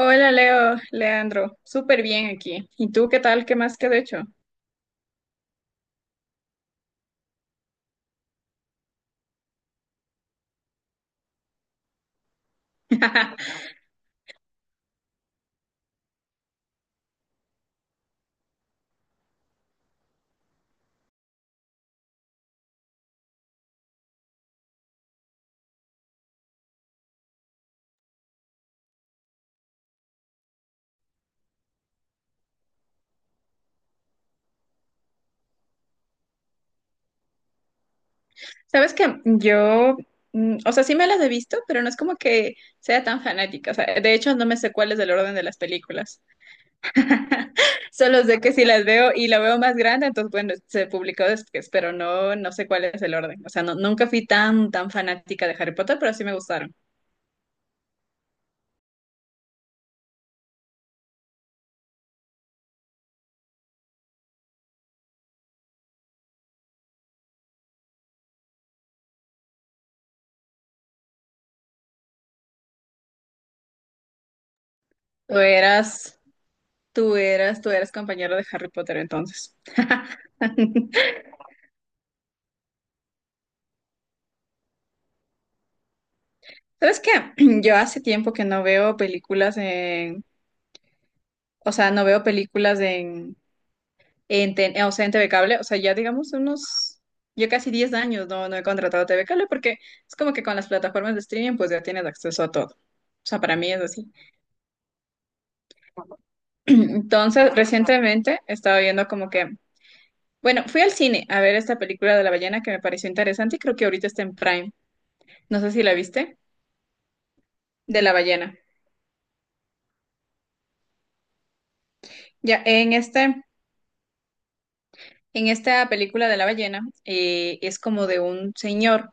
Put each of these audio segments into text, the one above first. Hola Leo, Leandro, súper bien aquí. ¿Y tú qué tal? ¿Qué más que de hecho? Sabes que yo, o sea, sí me las he visto, pero no es como que sea tan fanática. O sea, de hecho no me sé cuál es el orden de las películas. Solo sé que si las veo y la veo más grande, entonces bueno, se publicó después, pero no, no sé cuál es el orden. O sea, nunca fui tan, tan fanática de Harry Potter, pero sí me gustaron. Tú eras, Tú eras compañero de Harry Potter entonces. ¿Sabes qué? Yo hace tiempo que no veo películas en, o sea, no veo películas o sea, en TV Cable, o sea, ya digamos unos, yo casi 10 años no, no he contratado TV Cable porque es como que con las plataformas de streaming pues ya tienes acceso a todo. O sea, para mí es así. Entonces, recientemente estaba viendo como que, bueno, fui al cine a ver esta película de la ballena que me pareció interesante y creo que ahorita está en Prime. No sé si la viste, de la ballena. Ya, en este En esta película de la ballena es como de un señor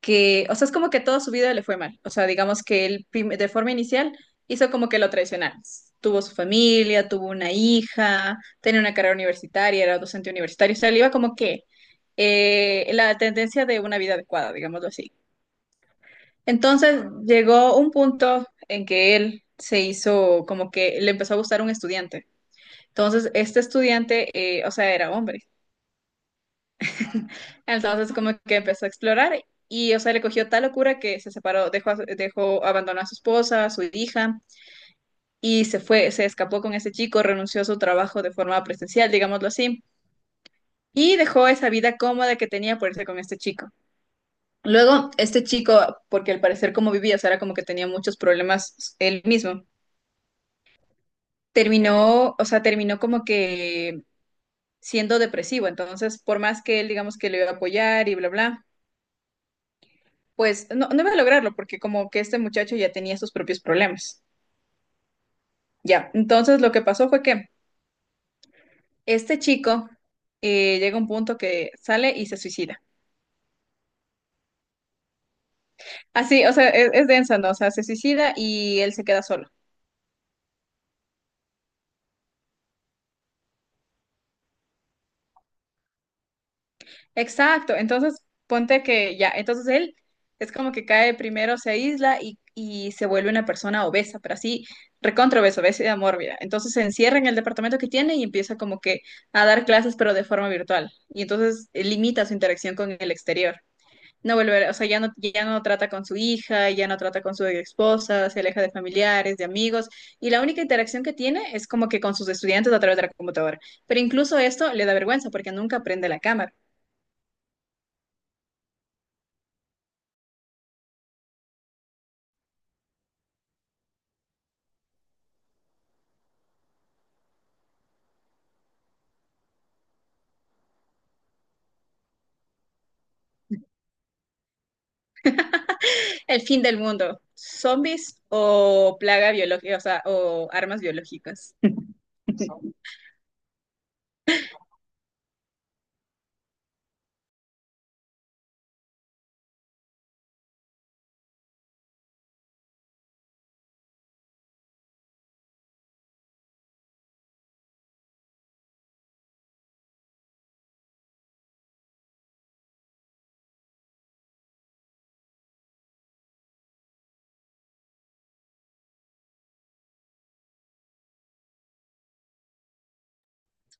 que, o sea, es como que toda su vida le fue mal. O sea, digamos que él de forma inicial hizo como que lo tradicional. Tuvo su familia, tuvo una hija, tenía una carrera universitaria, era docente universitario. O sea, le iba como que la tendencia de una vida adecuada, digámoslo así. Entonces llegó un punto en que él se hizo como que le empezó a gustar un estudiante. Entonces, este estudiante, o sea, era hombre. Entonces como que empezó a explorar y, o sea, le cogió tal locura que se separó, dejó, abandonó a su esposa, a su hija y se fue, se escapó con ese chico, renunció a su trabajo de forma presencial, digámoslo así, y dejó esa vida cómoda que tenía por irse con este chico. Luego, este chico, porque al parecer como vivía, o sea, era como que tenía muchos problemas él mismo, terminó, o sea, terminó como que siendo depresivo, entonces por más que él digamos que le iba a apoyar y bla bla, pues no, no iba a lograrlo porque como que este muchacho ya tenía sus propios problemas. Ya, entonces lo que pasó fue que este chico llega a un punto que sale y se suicida. Así, o sea, es densa, ¿no? O sea, se suicida y él se queda solo. Exacto, entonces ponte que ya, entonces él es como que cae primero, se aísla y se vuelve una persona obesa, pero así recontra obesa, obesidad mórbida. Entonces se encierra en el departamento que tiene y empieza como que a dar clases, pero de forma virtual. Y entonces limita su interacción con el exterior. No vuelve, a- O sea, ya no, ya no trata con su hija, ya no trata con su esposa, se aleja de familiares, de amigos, y la única interacción que tiene es como que con sus estudiantes a través de la computadora. Pero incluso esto le da vergüenza porque nunca prende la cámara. El fin del mundo. ¿Zombies o plaga biológica, o sea, o armas biológicas?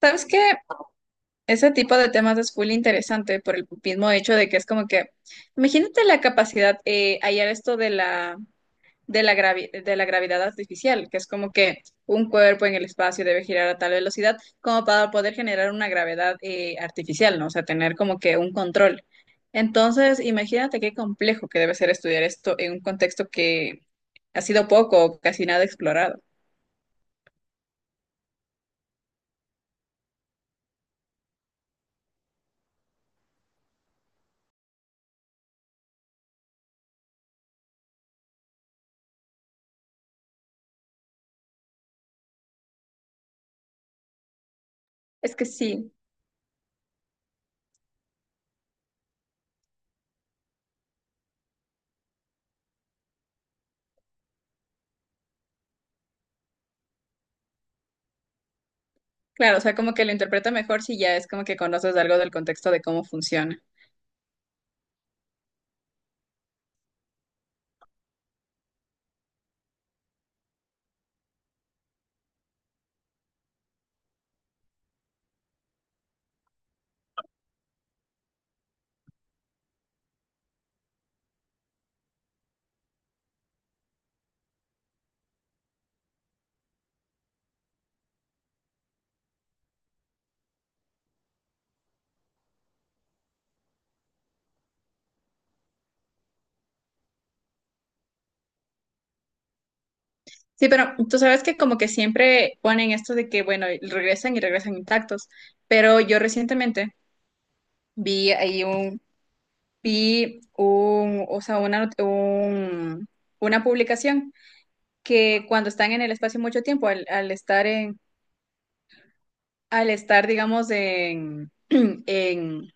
¿Sabes qué? Ese tipo de temas es full interesante por el mismo hecho de que es como que, imagínate la capacidad, hallar esto de la de la gravedad artificial, que es como que un cuerpo en el espacio debe girar a tal velocidad como para poder generar una gravedad artificial, ¿no? O sea, tener como que un control. Entonces, imagínate qué complejo que debe ser estudiar esto en un contexto que ha sido poco o casi nada explorado. Es que sí, claro, o sea, como que lo interpreta mejor si ya es como que conoces algo del contexto de cómo funciona. Sí, pero tú sabes que como que siempre ponen esto de que, bueno, regresan y regresan intactos, pero yo recientemente vi ahí un, vi un, o sea, una, not- un- una publicación que cuando están en el espacio mucho tiempo, al estar en, al estar, digamos, en, en,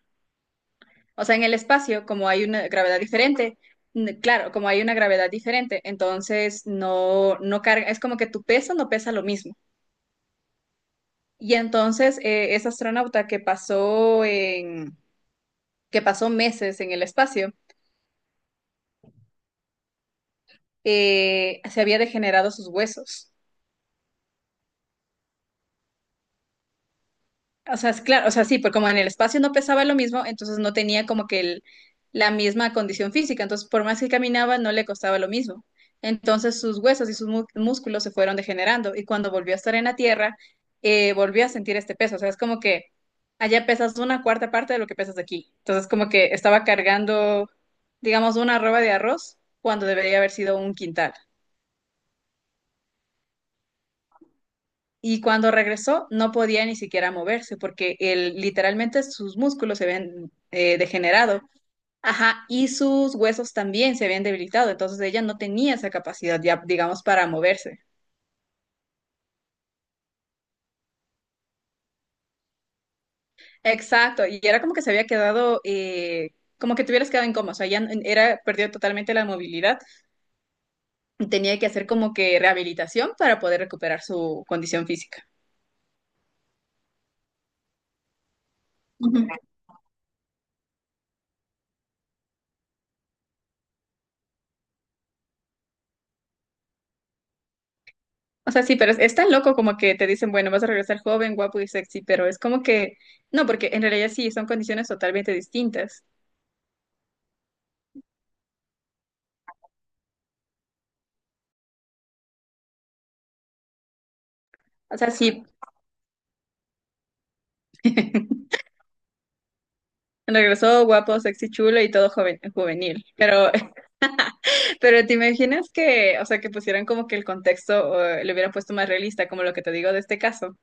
o sea, en el espacio, como hay una gravedad diferente, claro, como hay una gravedad diferente, entonces no, no carga, es como que tu peso no pesa lo mismo. Y entonces ese astronauta que pasó meses en el espacio, se había degenerado sus huesos. O sea, es claro, o sea, sí, porque como en el espacio no pesaba lo mismo, entonces no tenía como que la misma condición física. Entonces, por más que caminaba, no le costaba lo mismo. Entonces, sus huesos y sus músculos se fueron degenerando. Y cuando volvió a estar en la tierra, volvió a sentir este peso. O sea, es como que allá pesas una cuarta parte de lo que pesas aquí. Entonces, como que estaba cargando, digamos, una arroba de arroz cuando debería haber sido un quintal. Y cuando regresó, no podía ni siquiera moverse porque él, literalmente sus músculos se habían degenerado. Ajá, y sus huesos también se habían debilitado. Entonces ella no tenía esa capacidad ya, digamos, para moverse. Exacto. Y era como que se había quedado, como que te hubieras quedado en coma. O sea, ya era, perdió totalmente la movilidad. Tenía que hacer como que rehabilitación para poder recuperar su condición física. O sea, sí, pero es tan loco como que te dicen, bueno, vas a regresar joven, guapo y sexy, pero es como que, no, porque en realidad sí, son condiciones totalmente distintas. O sea, sí, regresó guapo, sexy, chulo y todo joven, juvenil, pero, pero te imaginas que, o sea, que pusieran como que el contexto, le hubieran puesto más realista, como lo que te digo de este caso.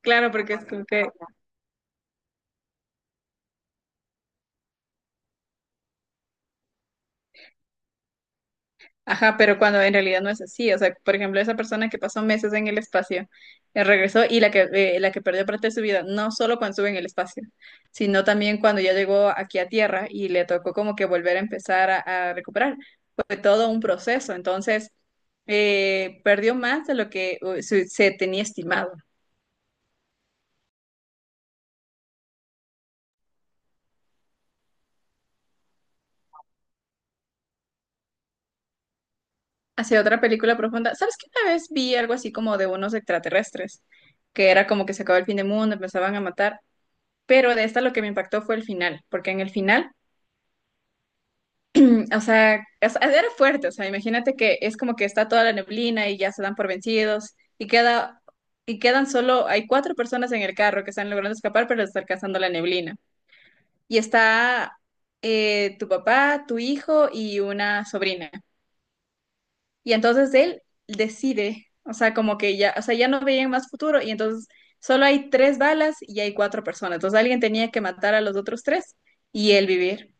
Claro, porque es como que... Ajá, pero cuando en realidad no es así. O sea, por ejemplo, esa persona que pasó meses en el espacio, regresó y la que perdió parte de su vida, no solo cuando estuvo en el espacio, sino también cuando ya llegó aquí a Tierra y le tocó como que volver a empezar a recuperar. Fue todo un proceso. Entonces, perdió más de lo que se, se tenía estimado. Hacia otra película profunda. ¿Sabes que una vez vi algo así como de unos extraterrestres? Que era como que se acabó el fin del mundo, empezaban a matar. Pero de esta lo que me impactó fue el final, porque en el final, o sea, era fuerte, o sea, imagínate que es como que está toda la neblina y ya se dan por vencidos y quedan solo hay cuatro personas en el carro que están logrando escapar, pero les está alcanzando la neblina. Y está tu papá, tu hijo y una sobrina. Y entonces él decide, o sea, como que ya, o sea, ya no veían más futuro y entonces solo hay tres balas y hay cuatro personas. Entonces alguien tenía que matar a los otros tres y él vivir.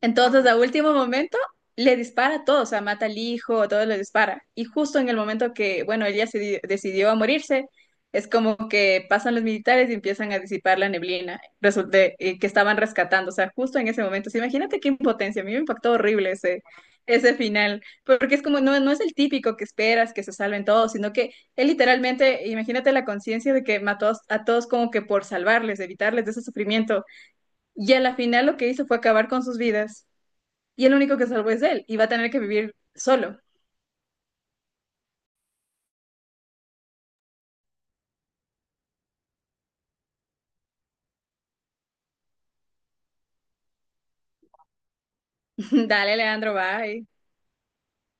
Entonces, a último momento, le dispara a todos, o sea, mata al hijo, a todos le dispara. Y justo en el momento que, bueno, ella se decidió a morirse, es como que pasan los militares y empiezan a disipar la neblina, resulta que estaban rescatando, o sea, justo en ese momento. O sea, imagínate qué impotencia, a mí me impactó horrible ese, ese final, porque es como, no, no es el típico que esperas que se salven todos, sino que él literalmente, imagínate la conciencia de que mató a todos como que por salvarles, evitarles de ese sufrimiento. Y a la final lo que hizo fue acabar con sus vidas y el único que salvo es él y va a tener que vivir solo. Dale, Leandro, bye.